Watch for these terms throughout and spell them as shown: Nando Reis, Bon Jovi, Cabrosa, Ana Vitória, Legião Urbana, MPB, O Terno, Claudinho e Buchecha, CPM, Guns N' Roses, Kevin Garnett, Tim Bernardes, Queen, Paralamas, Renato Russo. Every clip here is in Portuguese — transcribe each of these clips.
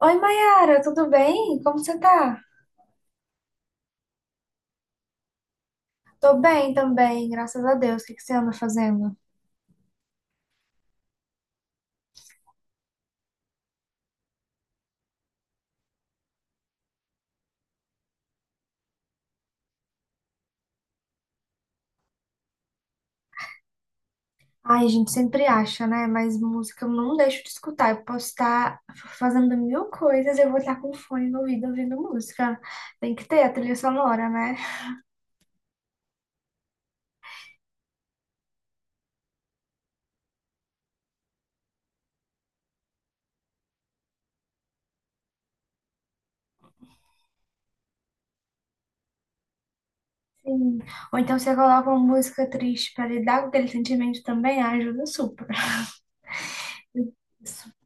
Oi, Mayara, tudo bem? Como você tá? Tô bem também, graças a Deus. O que que você anda fazendo? Ai, a gente sempre acha, né? Mas música eu não deixo de escutar. Eu posso estar fazendo mil coisas, eu vou estar com fone no ouvido ouvindo música. Tem que ter a trilha sonora, né? Sim. Ou então você coloca uma música triste pra lidar com aquele sentimento também, ajuda super.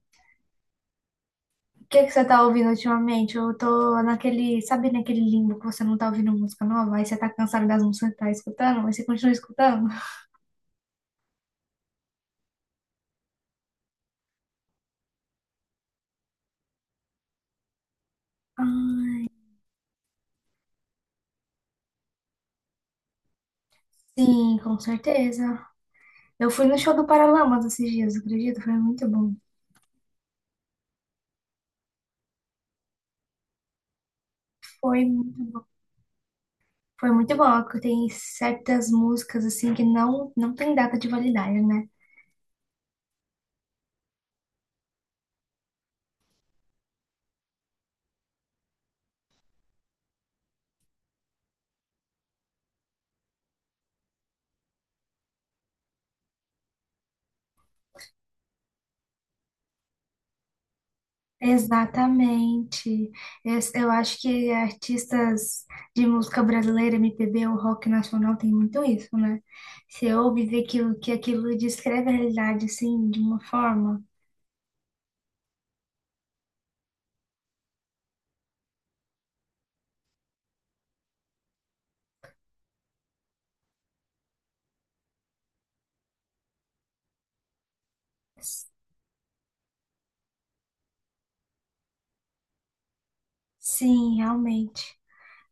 O que que você tá ouvindo ultimamente? Eu tô naquele, sabe naquele limbo que você não tá ouvindo música nova, aí você tá cansado das músicas que tá escutando, mas você continua escutando? Ah, sim, com certeza. Eu fui no show do Paralamas esses dias, acredito, foi muito bom. Foi muito bom. Foi muito bom, porque tem certas músicas assim que não tem data de validade, né? Exatamente. Eu acho que artistas de música brasileira, MPB ou rock nacional tem muito isso, né? Você ouve e vê que, que aquilo descreve a realidade, assim, de uma forma. S- Sim, realmente.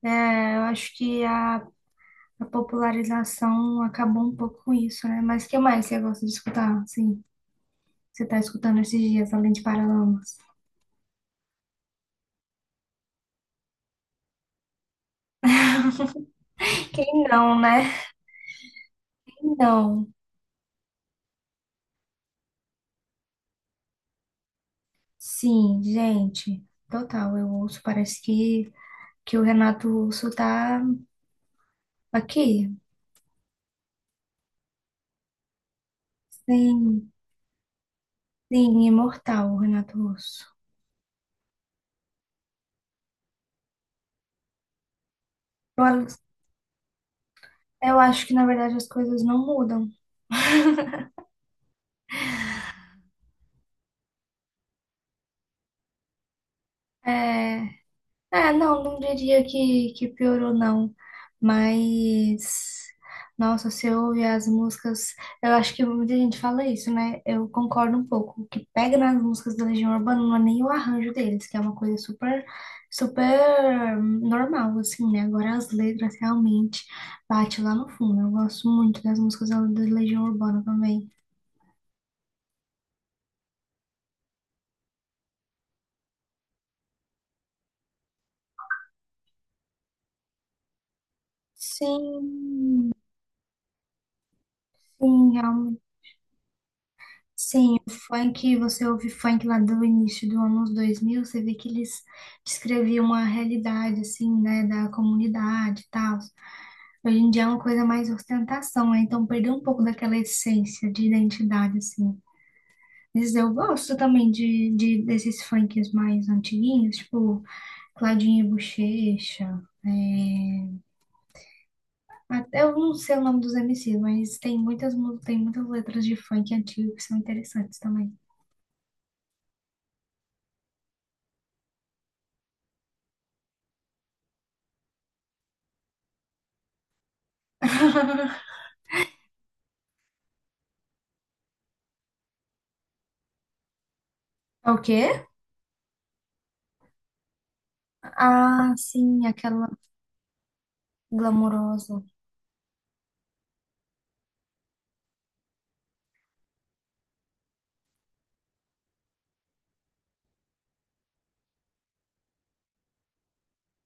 É, eu acho que a popularização acabou um pouco com isso, né? Mas o que mais você gosta de escutar? Sim, você está escutando esses dias, além de Paralamas? Quem não, né? Não, sim, gente, total. Eu ouço, parece que o Renato Russo tá aqui. Sim, sim, imortal, o Renato Russo. Eu, eu acho que, na verdade, as coisas não mudam. É. É, não, não diria que piorou, não. Mas, nossa, se eu ouvir as músicas, eu acho que muita gente fala isso, né? Eu concordo um pouco. O que pega nas músicas da Legião Urbana não é nem o arranjo deles, que é uma coisa super, super normal, assim, né? Agora as letras realmente bate lá no fundo. Eu gosto muito das músicas da Legião Urbana também. Sim, sim, realmente. Sim, o funk, você ouve funk lá do início do anos 2000 você vê que eles descreviam uma realidade, assim, né, da comunidade e tal. Hoje em dia é uma coisa mais ostentação, né? Então perdeu um pouco daquela essência de identidade, assim. Mas eu gosto também de desses funks mais antiguinhos, tipo Claudinho e Buchecha, é, até eu não sei o nome dos MCs, mas tem muitas, tem muitas letras de funk antigo que são interessantes também. É? O quê? Ah, sim, aquela glamourosa.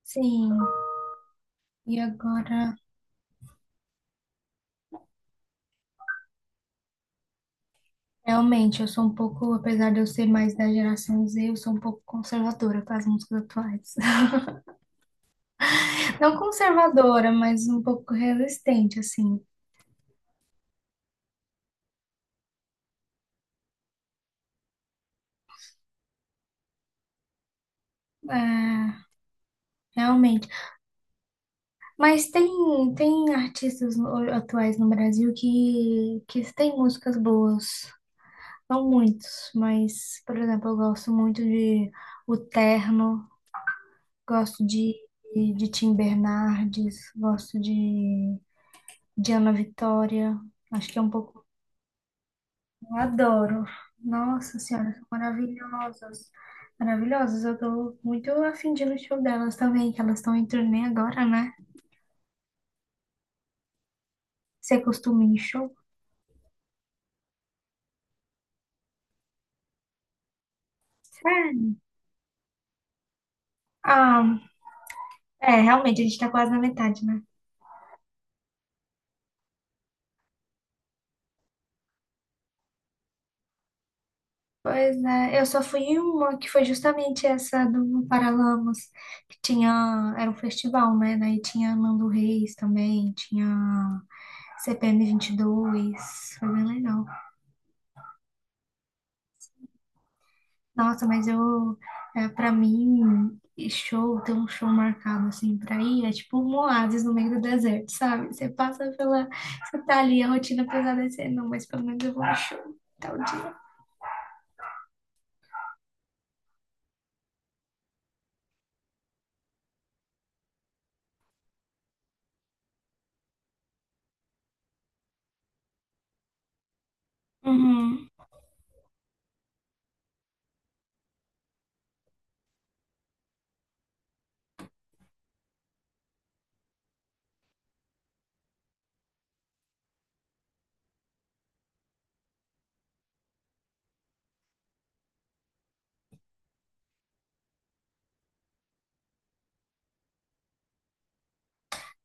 Sim. E agora, realmente, eu sou um pouco, apesar de eu ser mais da geração Z, eu sou um pouco conservadora com as músicas atuais. Não conservadora, mas um pouco resistente, assim. É, realmente. Mas tem, tem artistas atuais no Brasil que têm músicas boas. Não muitos, mas, por exemplo, eu gosto muito de O Terno. Gosto de Tim Bernardes, gosto de Ana Vitória. Acho que é um pouco. Eu adoro. Nossa Senhora, são maravilhosas. Maravilhosas. Eu tô muito afim de ir no show delas também, que elas estão em turnê agora, né? Você costuma ir em show? Sério? Ah, é, realmente, a gente tá quase na metade, né? Pois é, eu só fui em uma que foi justamente essa do Paralamas, que tinha, era um festival, né? Daí tinha Nando Reis também, tinha CPM dois foi bem legal. Nossa, mas eu, pra mim, e show, ter um show marcado assim pra ir, é tipo um oásis no meio do deserto, sabe? Você passa você tá ali, a rotina pesada é ser, não, mas pelo menos eu vou no show, tal dia. Uhum.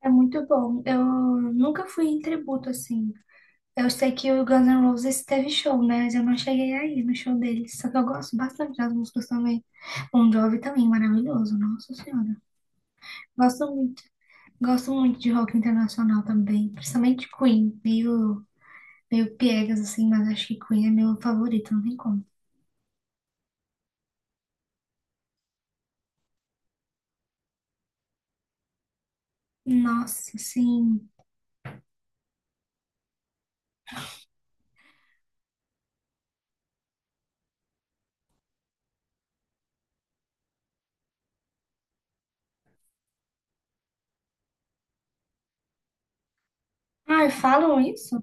É muito bom. Eu nunca fui em tributo assim. Eu sei que o Guns N' Roses teve show, né? Mas eu não cheguei aí no show deles. Só que eu gosto bastante das músicas também. Bon Jovi também, maravilhoso. Nossa Senhora. Gosto muito. Gosto muito de rock internacional também. Principalmente Queen. Meio piegas, assim, mas acho que Queen é meu favorito, não tem como. Nossa, sim. Ai, falam isso?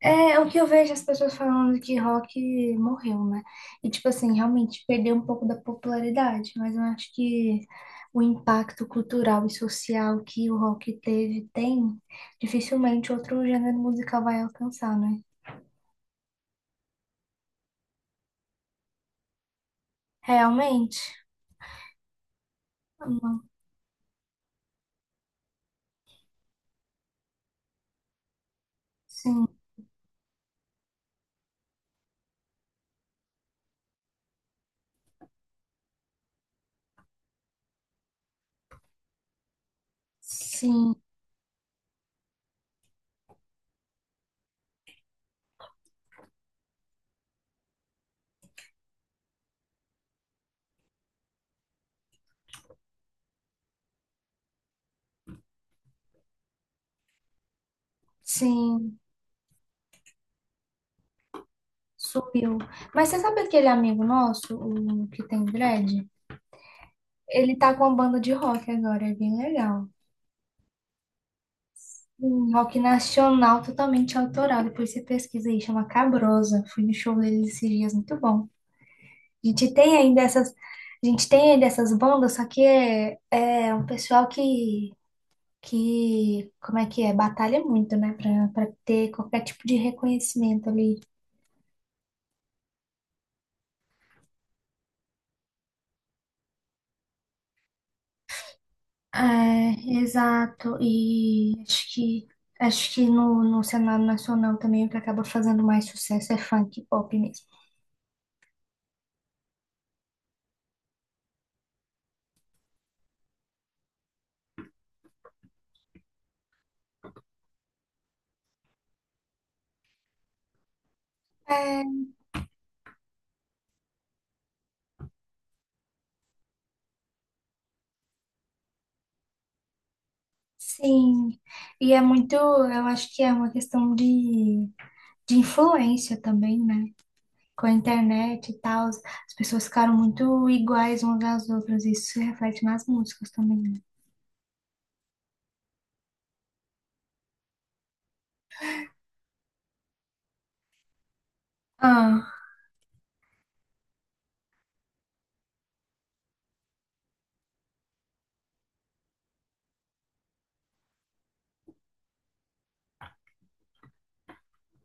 É, o que eu vejo as pessoas falando que rock morreu, né? E, tipo assim, realmente perdeu um pouco da popularidade, mas eu acho que o impacto cultural e social que o rock teve, tem, dificilmente outro gênero musical vai alcançar, né? Realmente? Não. Sim, sim, sim, subiu. Mas você sabe aquele amigo nosso, o que tem dread? Ele tá com uma banda de rock agora, é bem legal. Um rock nacional totalmente autoral. Depois você pesquisa aí, chama Cabrosa. Fui no show dele esses dias, muito bom. A gente tem ainda essas, a gente tem ainda essas bandas, só que é um pessoal que, como é que é? Batalha muito, né? Pra ter qualquer tipo de reconhecimento ali. É, exato. E acho que no cenário nacional também o que acaba fazendo mais sucesso é funk e pop mesmo. Sim, e é muito, eu acho que é uma questão de influência também, né? Com a internet e tal, as pessoas ficaram muito iguais umas às outras, isso se reflete nas músicas também, né? Ah.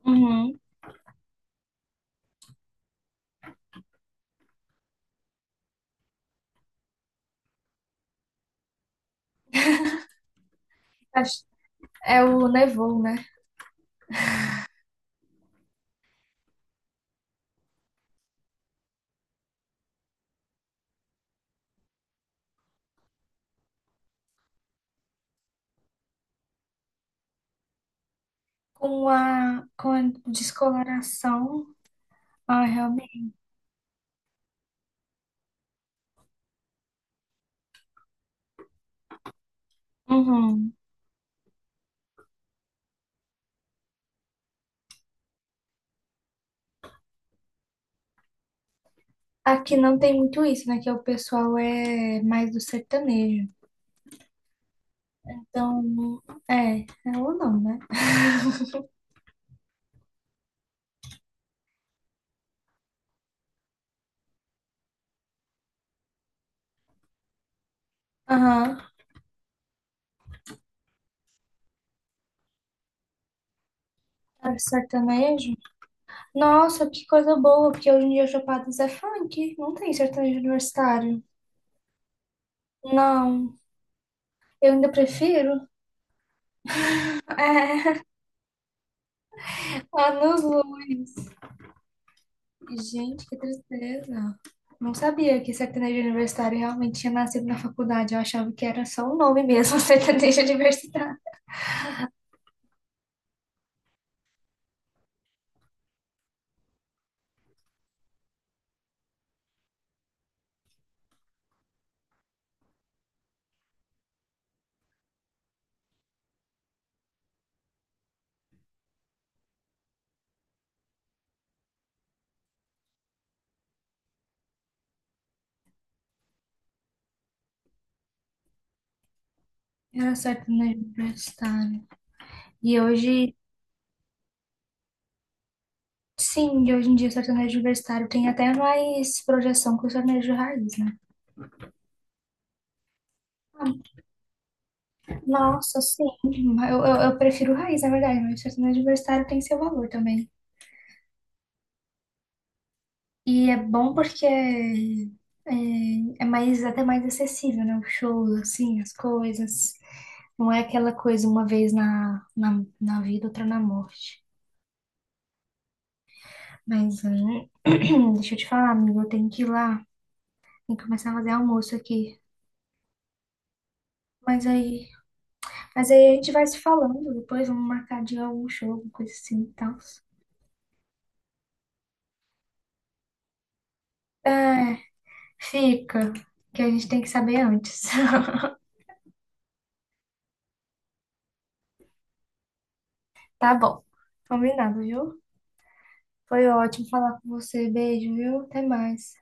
Uhum. Acho- É o Nevou, né? Com a descoloração, ah, realmente. Uhum. Aqui não tem muito isso, né? Que o pessoal é mais do sertanejo. Então, é, é ou não, né? Aham. É sertanejo. Nossa, que coisa boa, porque hoje em dia Chapadas é funk, não tem sertanejo universitário. Não, eu ainda prefiro. É, anos luz. Gente, que tristeza. Não sabia que sertanejo universitário realmente tinha nascido na faculdade. Eu achava que era só um nome mesmo, sertanejo universitário. Era sertanejo universitário. E hoje, sim, hoje em dia sertanejo universitário tem até mais projeção que o sertanejo raiz, né? Ah. Nossa, sim. Eu prefiro raiz, na verdade, mas sertanejo universitário tem seu valor também. E é bom porque é é mais, até mais acessível, né? O show, assim, as coisas. Não é aquela coisa uma vez na vida, outra na morte. Mas, hein, deixa eu te falar, amigo, eu tenho que ir lá. Tem que começar a fazer almoço aqui. Mas aí, mas aí a gente vai se falando. Depois vamos marcar de algum show, alguma coisa assim e tal. É. Fica, que a gente tem que saber antes. Tá bom, combinado, viu? Foi ótimo falar com você. Beijo, viu? Até mais.